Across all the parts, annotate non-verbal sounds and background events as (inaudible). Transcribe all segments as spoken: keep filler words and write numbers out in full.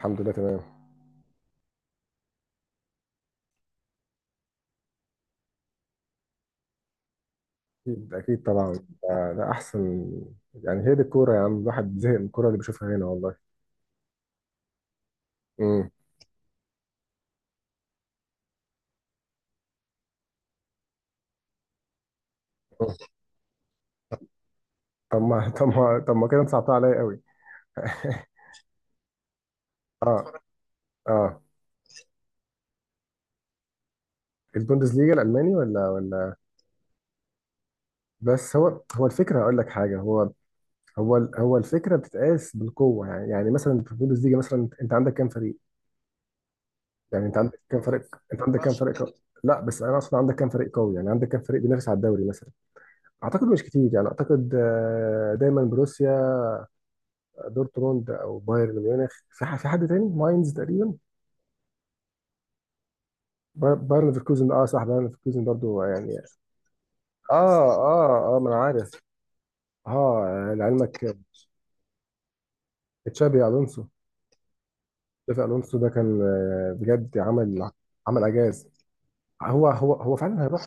الحمد لله تمام. اكيد اكيد طبعا، ده ده احسن. يعني هي دي الكوره يا عم، الواحد زهق من الكوره اللي بيشوفها هنا والله. امم طب ما طب ما طب ما كده انت صعبتها عليا قوي. (laughs) اه اه البوندسليجا الالماني. ولا ولا بس هو هو الفكره، اقول لك حاجه. هو هو هو الفكره بتتقاس بالقوه. يعني يعني مثلا في البوندسليجا، مثلا انت عندك كام فريق، يعني انت عندك كام فريق، انت عندك كام فريق قوي؟ لا بس انا اصلا عندك كام فريق قوي، يعني عندك كام فريق بينافس على الدوري مثلا. اعتقد مش كتير، يعني اعتقد آه، دايما بروسيا دورتموند او بايرن ميونخ، في ح- في حد تاني ماينز تقريبا. باير- بايرن ليفركوزن، اه صح، بايرن ليفركوزن برضو يعني. اه اه اه ما انا عارف. اه لعلمك، تشابي الونسو. تشابي الونسو ده كان آه، بجد عمل، عمل اعجاز. هو هو هو فعلا هيروح.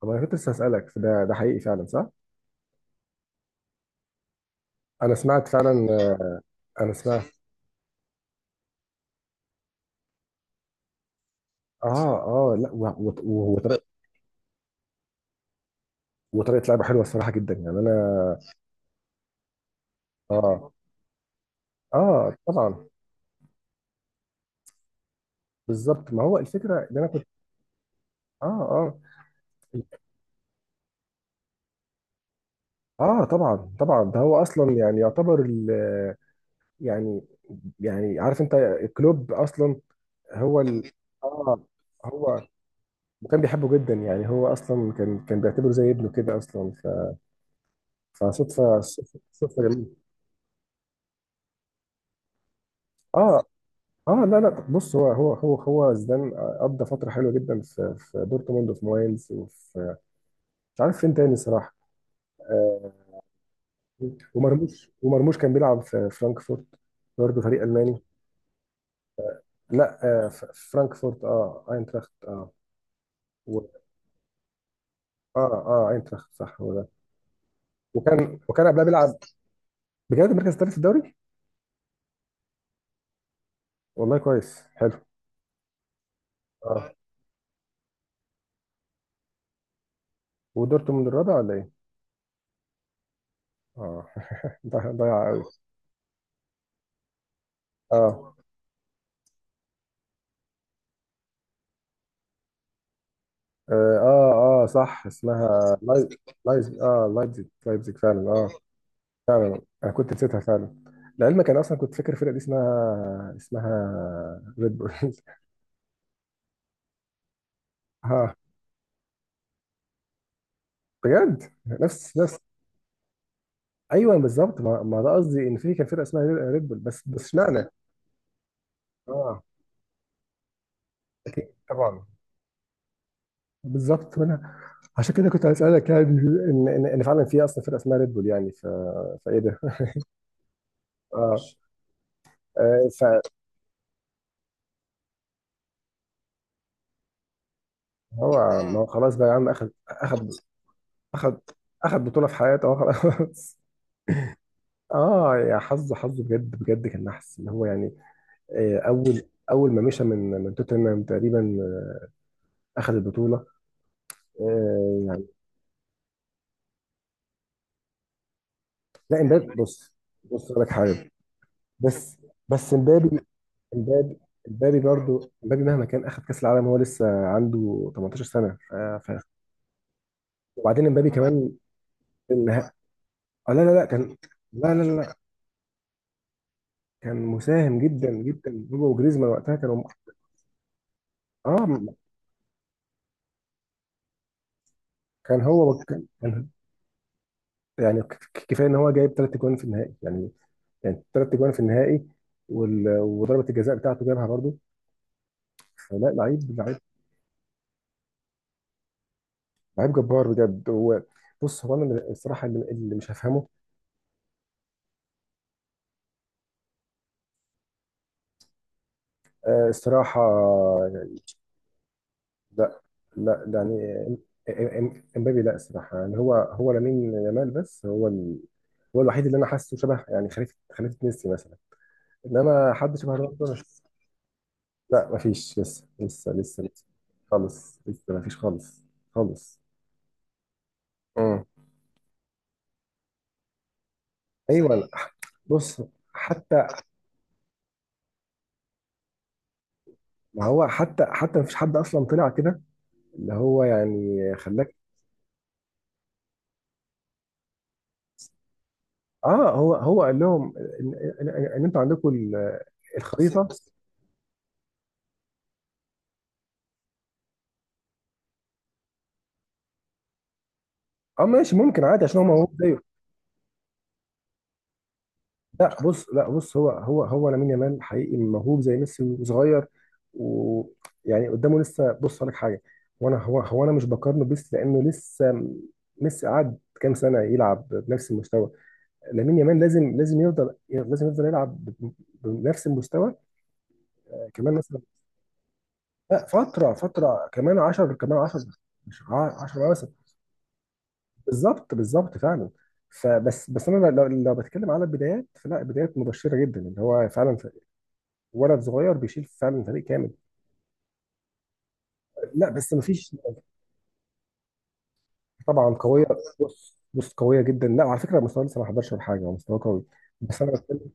طب انا كنت لسه هسالك، ده ده حقيقي فعلا صح؟ انا سمعت فعلا آه، انا سمعت. اه اه لا و- و- و- وطريقه، وطريقه لعبه حلوه الصراحه جدا يعني انا. اه اه طبعا. بالظبط، ما هو الفكره اللي انا كنت. اه اه اه طبعا طبعا، ده هو اصلا يعني يعتبر ال- يعني، يعني عارف انت، كلوب اصلا. هو ال... اه، هو، وكان بيحبه جدا يعني، هو اصلا كان كان بيعتبره زي ابنه كده اصلا. ف... فصدفه، صدفه صدفة جميله. اه اه لا لا بص، هو هو هو هو زيدان قضى فتره حلوه جدا في في دورتموند وفي ماينز وفي، مش عارف فين تاني صراحه. آه. ومرموش، ومرموش كان بيلعب في فرانكفورت برضه، فريق الماني. لا آه ف- فرانكفورت، اه اينتراخت اه. و... اه اه اينتراخت، صح هو ده. وكان وكان قبلها بيلعب. بجد المركز الثالث في الدوري. والله كويس، حلو. اه، ودورتموند الرابع ولا ايه؟ اه. (laughs) ضيع ضيع قوي. اه اه اه آه، صح، اسمها لايز. لايز، اه لايبزيج، لايبزيج فعلا اه. فعلا انا كنت نسيتها فعلا. لعلمك انا اصلا كنت فاكر الفرقه دي اسمها، اسمها ريد بولز. (laughs) اه بجد، نفس نفس. ايوه بالظبط، ما, ما ده قصدي ان في كان فرقه اسمها ريد بول، بس بس اشمعنى. اه اكيد طبعا. بالظبط وانا عشان كده كنت هسألك، يعني ان ان إن فعلا في اصلا فرقه اسمها ريد بول يعني. ف... فايه ده؟ (laughs) اه آه. فهو ما هو خلاص بقى يا عم، اخد اخد اخد اخد بطوله في حياته، اه خلاص. (laughs) اه يا حظه، حظه بجد بجد كان نحس اللي هو يعني. آه، اول اول ما مشى من من توتنهام تقريبا، آه، اخد البطوله، آه، يعني. لا امبابي بص، بص أقول لك حاجه. بس بس مبابي، مبابي مبابي برضو، مبابي مهما كان اخد كاس العالم هو لسه عنده تمنتاشر سنة سنه. ف... ف... وبعدين مبابي كمان. النها... آه لا لا لا كان، لا لا لا كان مساهم جدا جدا، هو وجريزمان وقتها كانوا. اه كان هو كان كان- يعني ك- ك- كفايه ان هو جايب ثلاث اجوان في النهائي يعني، يعني ثلاث اجوان في النهائي. وال... وضربه الجزاء بتاعته جابها برضو. فلا، لعيب لعيب لعيب جبار بجد هو. بص هو انا الصراحه اللي اللي مش هفهمه. آه، الصراحه. لا لا ده يعني إم- إم- امبابي، لا الصراحه يعني، هو هو لامين يامال، بس هو ال... هو الوحيد اللي انا حاسه شبه يعني، خليفه خليفه ميسي مثلا. انما حد شبه رونالدو أنا مش- لا مفيش، لسه لسه لسه لسه خالص، لسه مفيش خالص، خالص. امم ايوه لا. بص، حتى، ما هو حتى حتى مفيش حد اصلا طلع كده اللي هو يعني خلاك. اه هو هو قال لهم ان، إن, إن إن انتوا عندكم ال- الخريطه. اه ماشي، ممكن عادي، عشان هو موهوب زيه. لا بص، لا بص، هو هو هو لامين يامال حقيقي موهوب زي ميسي وصغير، ويعني قدامه لسه، بص لك حاجه. وانا هو هو انا مش بقارنه بميسي لانه لسه م- ميسي قعد كام سنه يلعب بنفس المستوى. لامين يامال لازم لازم يفضل، لازم يفضل يلعب ب- بنفس المستوى. آه، كمان مثلا. لا فتره، فتره كمان عشرة، كمان عشرة، مش عشرة مثلا. بالظبط بالظبط فعلا. فبس بس انا لو، لو بتكلم على البدايات فلا، بدايات مبشره جدا اللي هو فعلا ولد صغير بيشيل فعلا فريق كامل. لا بس مفيش. طبعا قويه. بص بص قويه جدا، لا على فكره مستواه لسه ما حضرش ولا حاجه، هو مستواه قوي. بس انا بتكلم،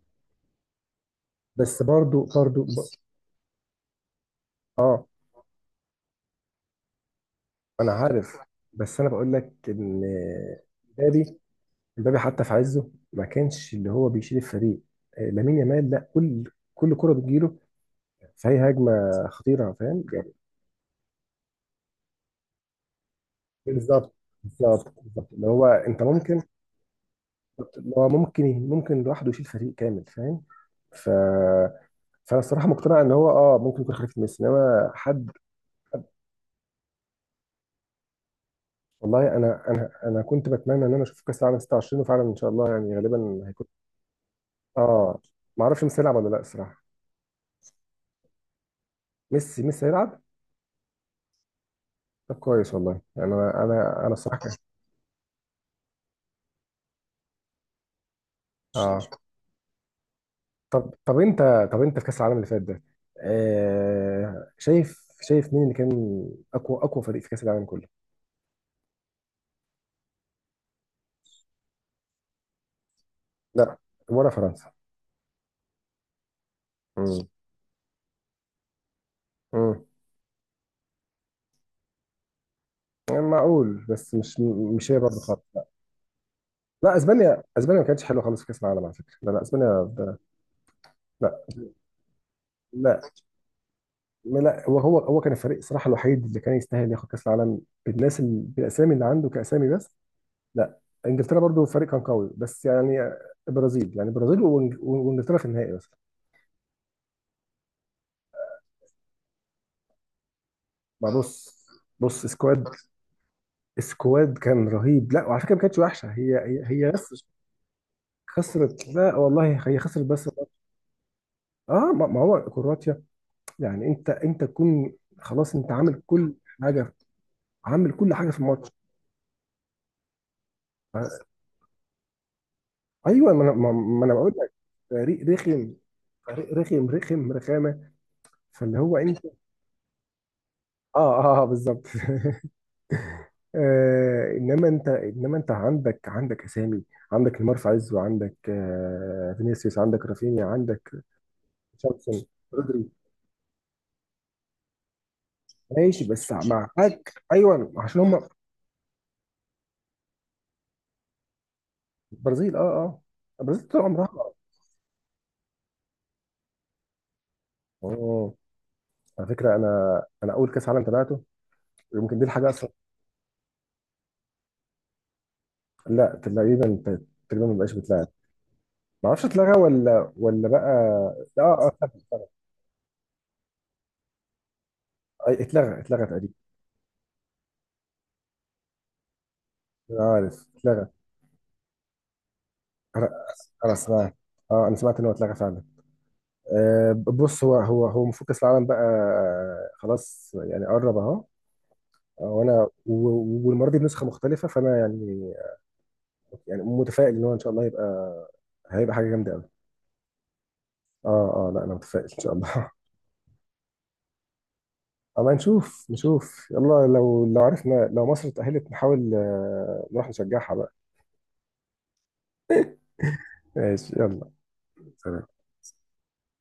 بس برضو برضو ب... اه انا عارف، بس انا بقول لك ان امبابي، امبابي حتى في عزه ما كانش اللي هو بيشيل الفريق. آه، لامين يامال لا، كل كل كره بتجيله فهي هجمه خطيره فاهم يعني. بالظبط بالظبط بالظبط اللي هو انت ممكن، اللي هو ممكن، ممكن لوحده يشيل فريق كامل فاهم. ف فانا الصراحه مقتنع ان هو اه ممكن يكون خليفه ميسي، انما حد. والله انا انا انا كنت بتمنى ان انا اشوف كاس العالم ستة وعشرين، وفعلا ان شاء الله يعني غالبا هيكون اه. ما اعرفش ميسي هيلعب ولا لا الصراحه. ميسي ميسي هيلعب. طب كويس والله، يعني انا انا انا الصراحه كان- اه. طب طب انت، طب انت في كاس العالم اللي فات ده، آه، شايف، شايف مين اللي كان اقوى، اقوى فريق في كاس العالم كله؟ لا، ولا فرنسا. امم امم يعني معقول بس مش، مش هي برضه خالص. لا اسبانيا، اسبانيا ما كانتش حلوه خالص في كاس العالم على فكره، لا لا اسبانيا ده- لا لا لا هو هو هو كان الفريق الصراحه الوحيد اللي كان يستاهل ياخد كاس العالم بالناس ال- بالاسامي اللي عنده كاسامي بس. لا، انجلترا برضو فريق كان قوي بس يعني. البرازيل يعني، البرازيل وإنج- وانجلترا في النهائي بس. ما بص، بص سكواد، سكواد كان رهيب، لا وعلى فكره ما كانتش وحشه، هي هي هي بس خسرت، لا والله هي خسرت بس. اه ما ما هو كرواتيا يعني، انت انت تكون خلاص، انت عامل كل حاجه، عامل كل حاجه في الماتش. ايوه ما انا، ما ما انا بقول لك فريق رخم، فريق رخم رخم رخامه. فاللي هو انت اه اه آه، بالظبط. (laughs) آه انما انت، انما انت عندك، عندك اسامي، عندك نيمار في عزه، عندك آه فينيسيوس، عندك رافينيا، عندك تشاومسون، رودري. ماشي بس معاك ايوه، عشان هم البرازيل، اه اه البرازيل طول عمرها. اه، على فكره انا انا اول كاس عالم تابعته يمكن دي الحاجه اصلا. لا تقريبا، تقريبا ما بقاش بتلعب. ما اعرفش اتلغى ولا ولا بقى. اه اه اتلغى اتلغى تقريبا. أنا عارف، اتلغى. انا انا سمعت، اه انا سمعت ان هو اتلغى فعلا. آه بص هو هو هو المفروض كاس العالم بقى آه، خلاص يعني قرب اهو. آه، وانا و- والمره دي بنسخه مختلفه فانا يعني، يعني متفائل ان هو ان شاء الله هيبقى، هيبقى حاجه جامده قوي. اه اه لا انا متفائل ان شاء الله. (laughs) اما نشوف، نشوف يلا، لو لو عرفنا لو مصر اتأهلت نحاول آه، نروح نشجعها بقى. ماشي يلا. سلام.